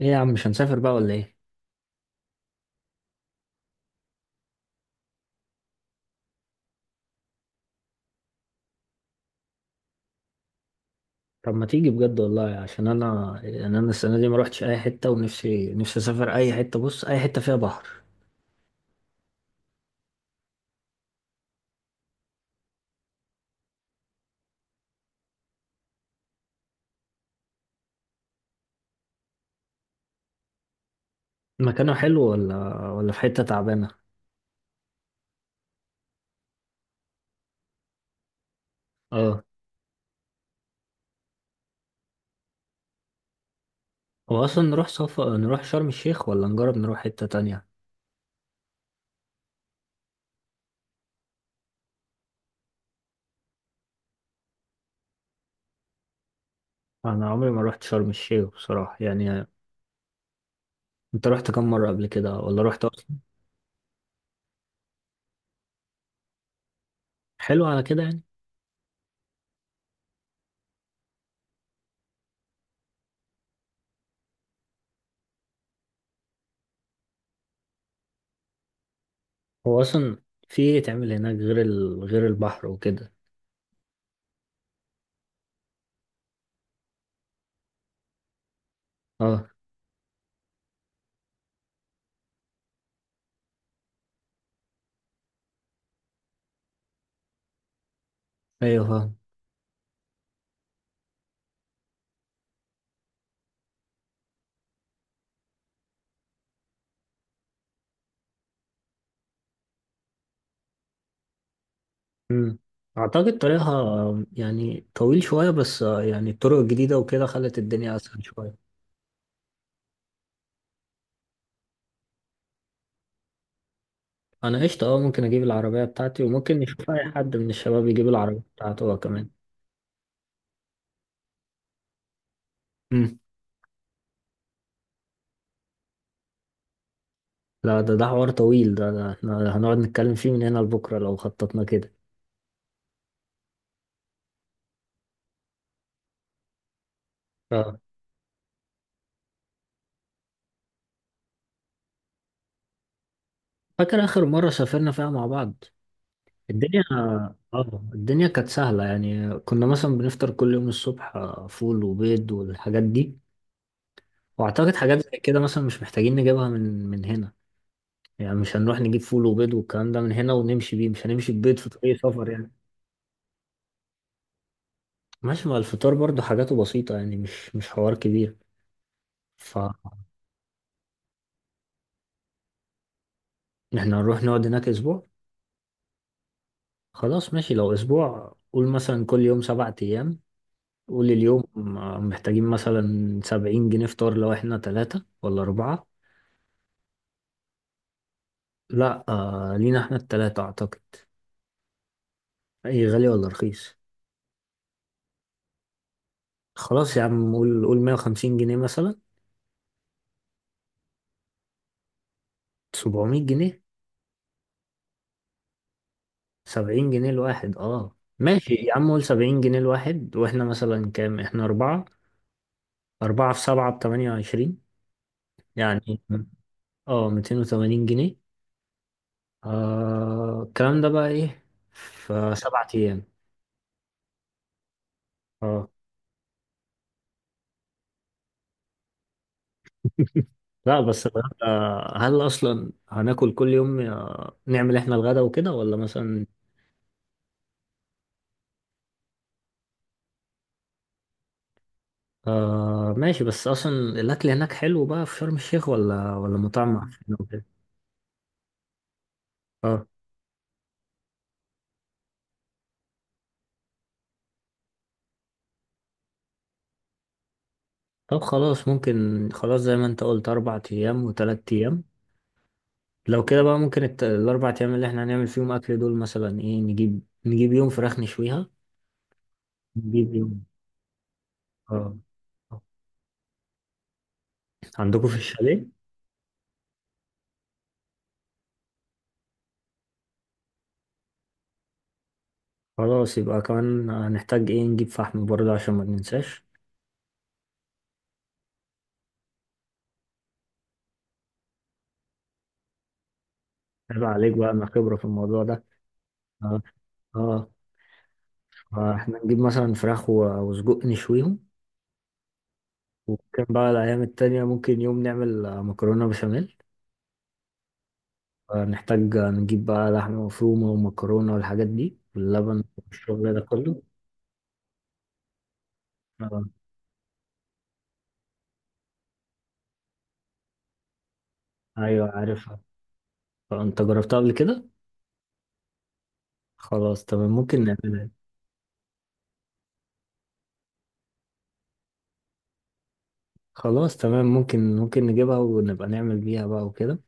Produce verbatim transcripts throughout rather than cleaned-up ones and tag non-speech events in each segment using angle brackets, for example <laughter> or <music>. ايه يا عم، مش هنسافر بقى ولا ايه؟ طب ما تيجي بجد والله، عشان انا يعني انا السنه دي ما روحتش اي حته، ونفسي نفسي اسافر اي حته، بص اي حته فيها بحر. مكانه حلو ولا ولا في حته تعبانه؟ اه، هو اصلا نروح صفا نروح شرم الشيخ ولا نجرب نروح حته تانية؟ انا عمري ما روحت شرم الشيخ بصراحه يعني. انت رحت كم مره قبل كده، ولا رحت اصلا؟ حلو على كده يعني. هو اصلا في ايه تعمل هناك، غير ال... غير البحر وكده؟ اه، ايوه، مم. أعتقد طريقها آه، يعني طويل شوية، بس آه، يعني الطرق الجديدة وكده خلت الدنيا أسهل شوية. أنا قشطة، أه ممكن أجيب العربية بتاعتي، وممكن نشوف أي حد من الشباب يجيب العربية بتاعته هو كمان. مم. لا، ده ده حوار طويل، ده, ده احنا هنقعد نتكلم فيه من هنا لبكرة لو خططنا كده. اه. فاكر آخر مرة سافرنا فيها مع بعض؟ الدنيا اه الدنيا كانت سهلة، يعني كنا مثلا بنفطر كل يوم الصبح، آه، فول وبيض والحاجات دي. وأعتقد حاجات زي كده مثلا مش محتاجين نجيبها من من هنا. يعني مش هنروح نجيب فول وبيض والكلام ده من هنا ونمشي بيه، مش هنمشي ببيض في طريق سفر يعني. ماشي، ما الفطار برضو حاجاته بسيطة، يعني مش مش حوار كبير. فاحنا هنروح نقعد هناك أسبوع. خلاص ماشي، لو أسبوع قول مثلا كل يوم سبعة أيام، قول اليوم. آه، محتاجين مثلا سبعين جنيه فطار، لو احنا تلاتة ولا أربعة. لا، آه لينا احنا التلاتة أعتقد. أي، غالي ولا رخيص؟ خلاص يا عم، قول قول مية وخمسين جنيه مثلا. سبعمية جنيه؟ سبعين جنيه الواحد؟ اه ماشي يا عم، قول سبعين جنيه الواحد، واحنا مثلا كام؟ احنا اربعة. اربعة في سبعة بتمانية وعشرين يعني. اه، ميتين وتمانين جنيه. آه، الكلام ده بقى ايه في سبعة ايام؟ اه. لا، بس الغدا. هل اصلا هناكل كل يوم، آه، نعمل احنا الغدا وكده، ولا مثلا؟ آه ماشي، بس اصلا الاكل هناك حلو بقى في شرم الشيخ، ولا ولا مطعم معفن وكده؟ اه. طب خلاص، ممكن خلاص زي ما انت قلت اربع ايام وتلات ايام. لو كده بقى ممكن الت... الاربع ايام اللي احنا هنعمل فيهم اكل دول مثلا ايه؟ نجيب نجيب يوم فراخ نشويها. نجيب يوم. اه. عندكم في الشاليه؟ خلاص، يبقى كمان هنحتاج ايه؟ نجيب فحم برضه عشان ما ننساش. عيب عليك بقى، انا خبرة في الموضوع ده. اه، اه. فاحنا نجيب مثلا فراخ و- وسجق نشويهم. وممكن بقى الايام التانية ممكن يوم نعمل آه، مكرونة بشاميل. آه، نحتاج نجيب بقى لحمة مفرومة ومكرونة والحاجات دي واللبن والشغل ده كله. آه، أيوة عارفها. آه، أنت جربتها قبل كده؟ خلاص تمام، ممكن نعملها. خلاص تمام، ممكن ممكن نجيبها ونبقى نعمل بيها بقى وكده.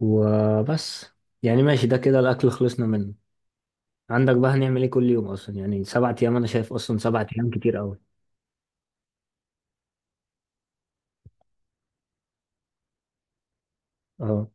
وبس. يعني ماشي، ده كده الأكل خلصنا منه. عندك بقى هنعمل إيه كل يوم أصلا؟ يعني سبعة أيام، أنا شايف أصلا سبعة أيام كتير أوي. أه،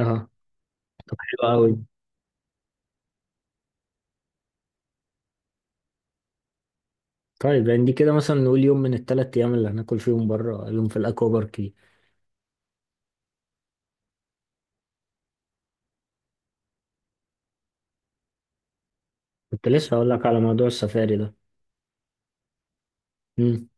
أه، حلو أوي. طيب يعني دي كده مثلا نقول يوم من التلات أيام اللي هناكل فيهم بره، يوم في الأكوا بارك دي. كنت لسه هقول لك على موضوع السفاري ده. مم.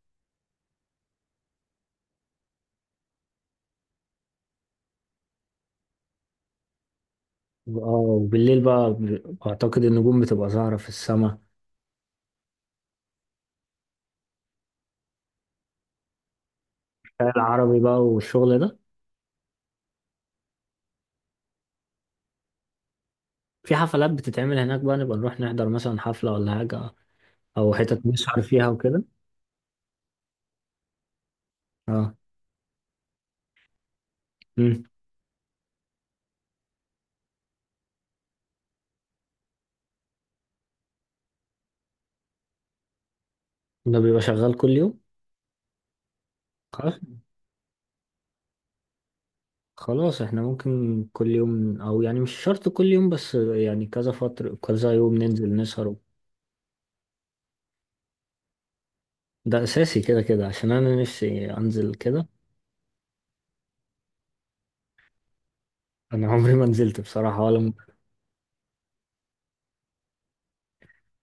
اه، وبالليل بقى ب- اعتقد النجوم بتبقى ظاهرة في السماء. خيال العربي بقى والشغل ده. في حفلات بتتعمل هناك بقى؟ نبقى نروح نحضر مثلا حفلة ولا حاجة، او حتت نسهر فيها وكده. اه، مم. ده بيبقى شغال كل يوم؟ خلاص، خلاص احنا ممكن كل يوم، او يعني مش شرط كل يوم، بس يعني كذا فترة كذا يوم ننزل نسهر. ده اساسي كده كده، عشان انا نفسي انزل كده. انا <laughs> عمري ما نزلت بصراحة، ولا م-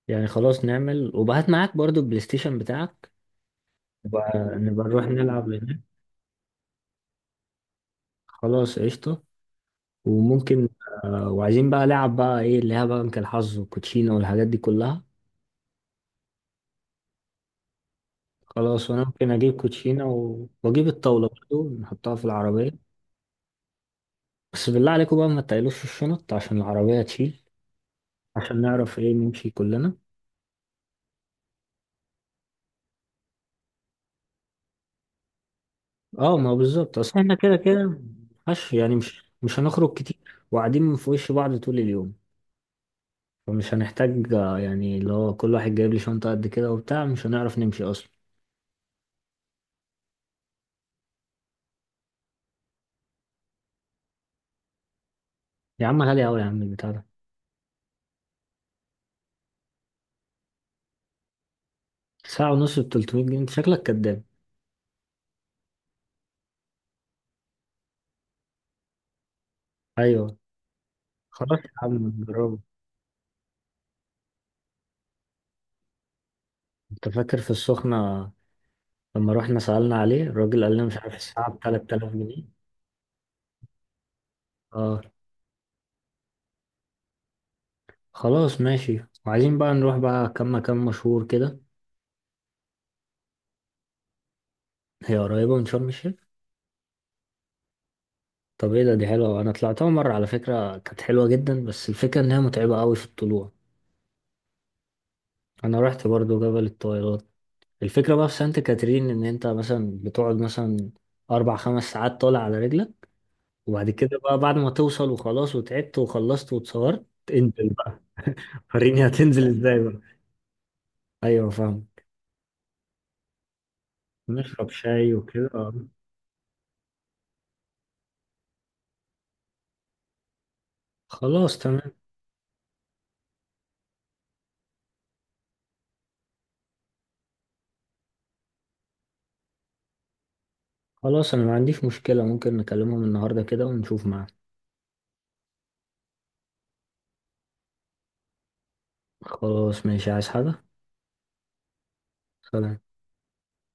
يعني خلاص نعمل، وبهات معاك برضو البلاي ستيشن بتاعك. نبقى نبقى نروح نلعب هناك. خلاص قشطة. وممكن آه، وعايزين بقى لعب بقى، ايه اللي هي بقى؟ بنك الحظ والكوتشينة والحاجات دي كلها. خلاص، وانا ممكن اجيب كوتشينة و... واجيب الطاولة برضو نحطها في العربية. بس بالله عليكم بقى، ما تقلوش الشنط عشان العربية تشيل. عشان نعرف ايه نمشي كلنا. اه، ما هو بالظبط، اصل احنا كده كده. مش يعني، مش مش هنخرج كتير، وقاعدين في وش بعض طول اليوم. فمش هنحتاج آه، يعني اللي هو كل واحد جايب لي شنطة قد كده وبتاع، مش هنعرف نمشي اصلا. يا عم غالي أوي يا عم البتاع ده. ساعة ونص ب تلتمية جنيه؟ أنت شكلك كداب. أيوه. خلاص يا عم نجربه. أنت فاكر في السخنة؟ لما رحنا سألنا عليه الراجل قال لنا مش عارف، الساعة ب ثلاثة آلاف جنيه. أه، خلاص ماشي. وعايزين بقى نروح بقى كام مكان مشهور كده. هي قريبة من شرم الشيخ؟ طب إيه ده؟ دي حلوة، أنا طلعتها مرة على فكرة، كانت حلوة جدا، بس الفكرة إنها متعبة أوي في الطلوع. أنا رحت برضو جبل الطويلات. الفكرة بقى في سانت كاترين، إن أنت مثلا بتقعد مثلا أربع خمس ساعات طالع على رجلك. وبعد كده بقى، بعد ما توصل وخلاص وتعبت وخلصت واتصورت، انزل بقى. وريني هتنزل ازاي بقى؟ ايوه، فاهم. نشرب شاي وكده آه. خلاص تمام. خلاص، انا ما عنديش مشكلة، ممكن نكلمهم النهاردة كده ونشوف معاه. خلاص ماشي، عايز حاجة؟ سلام.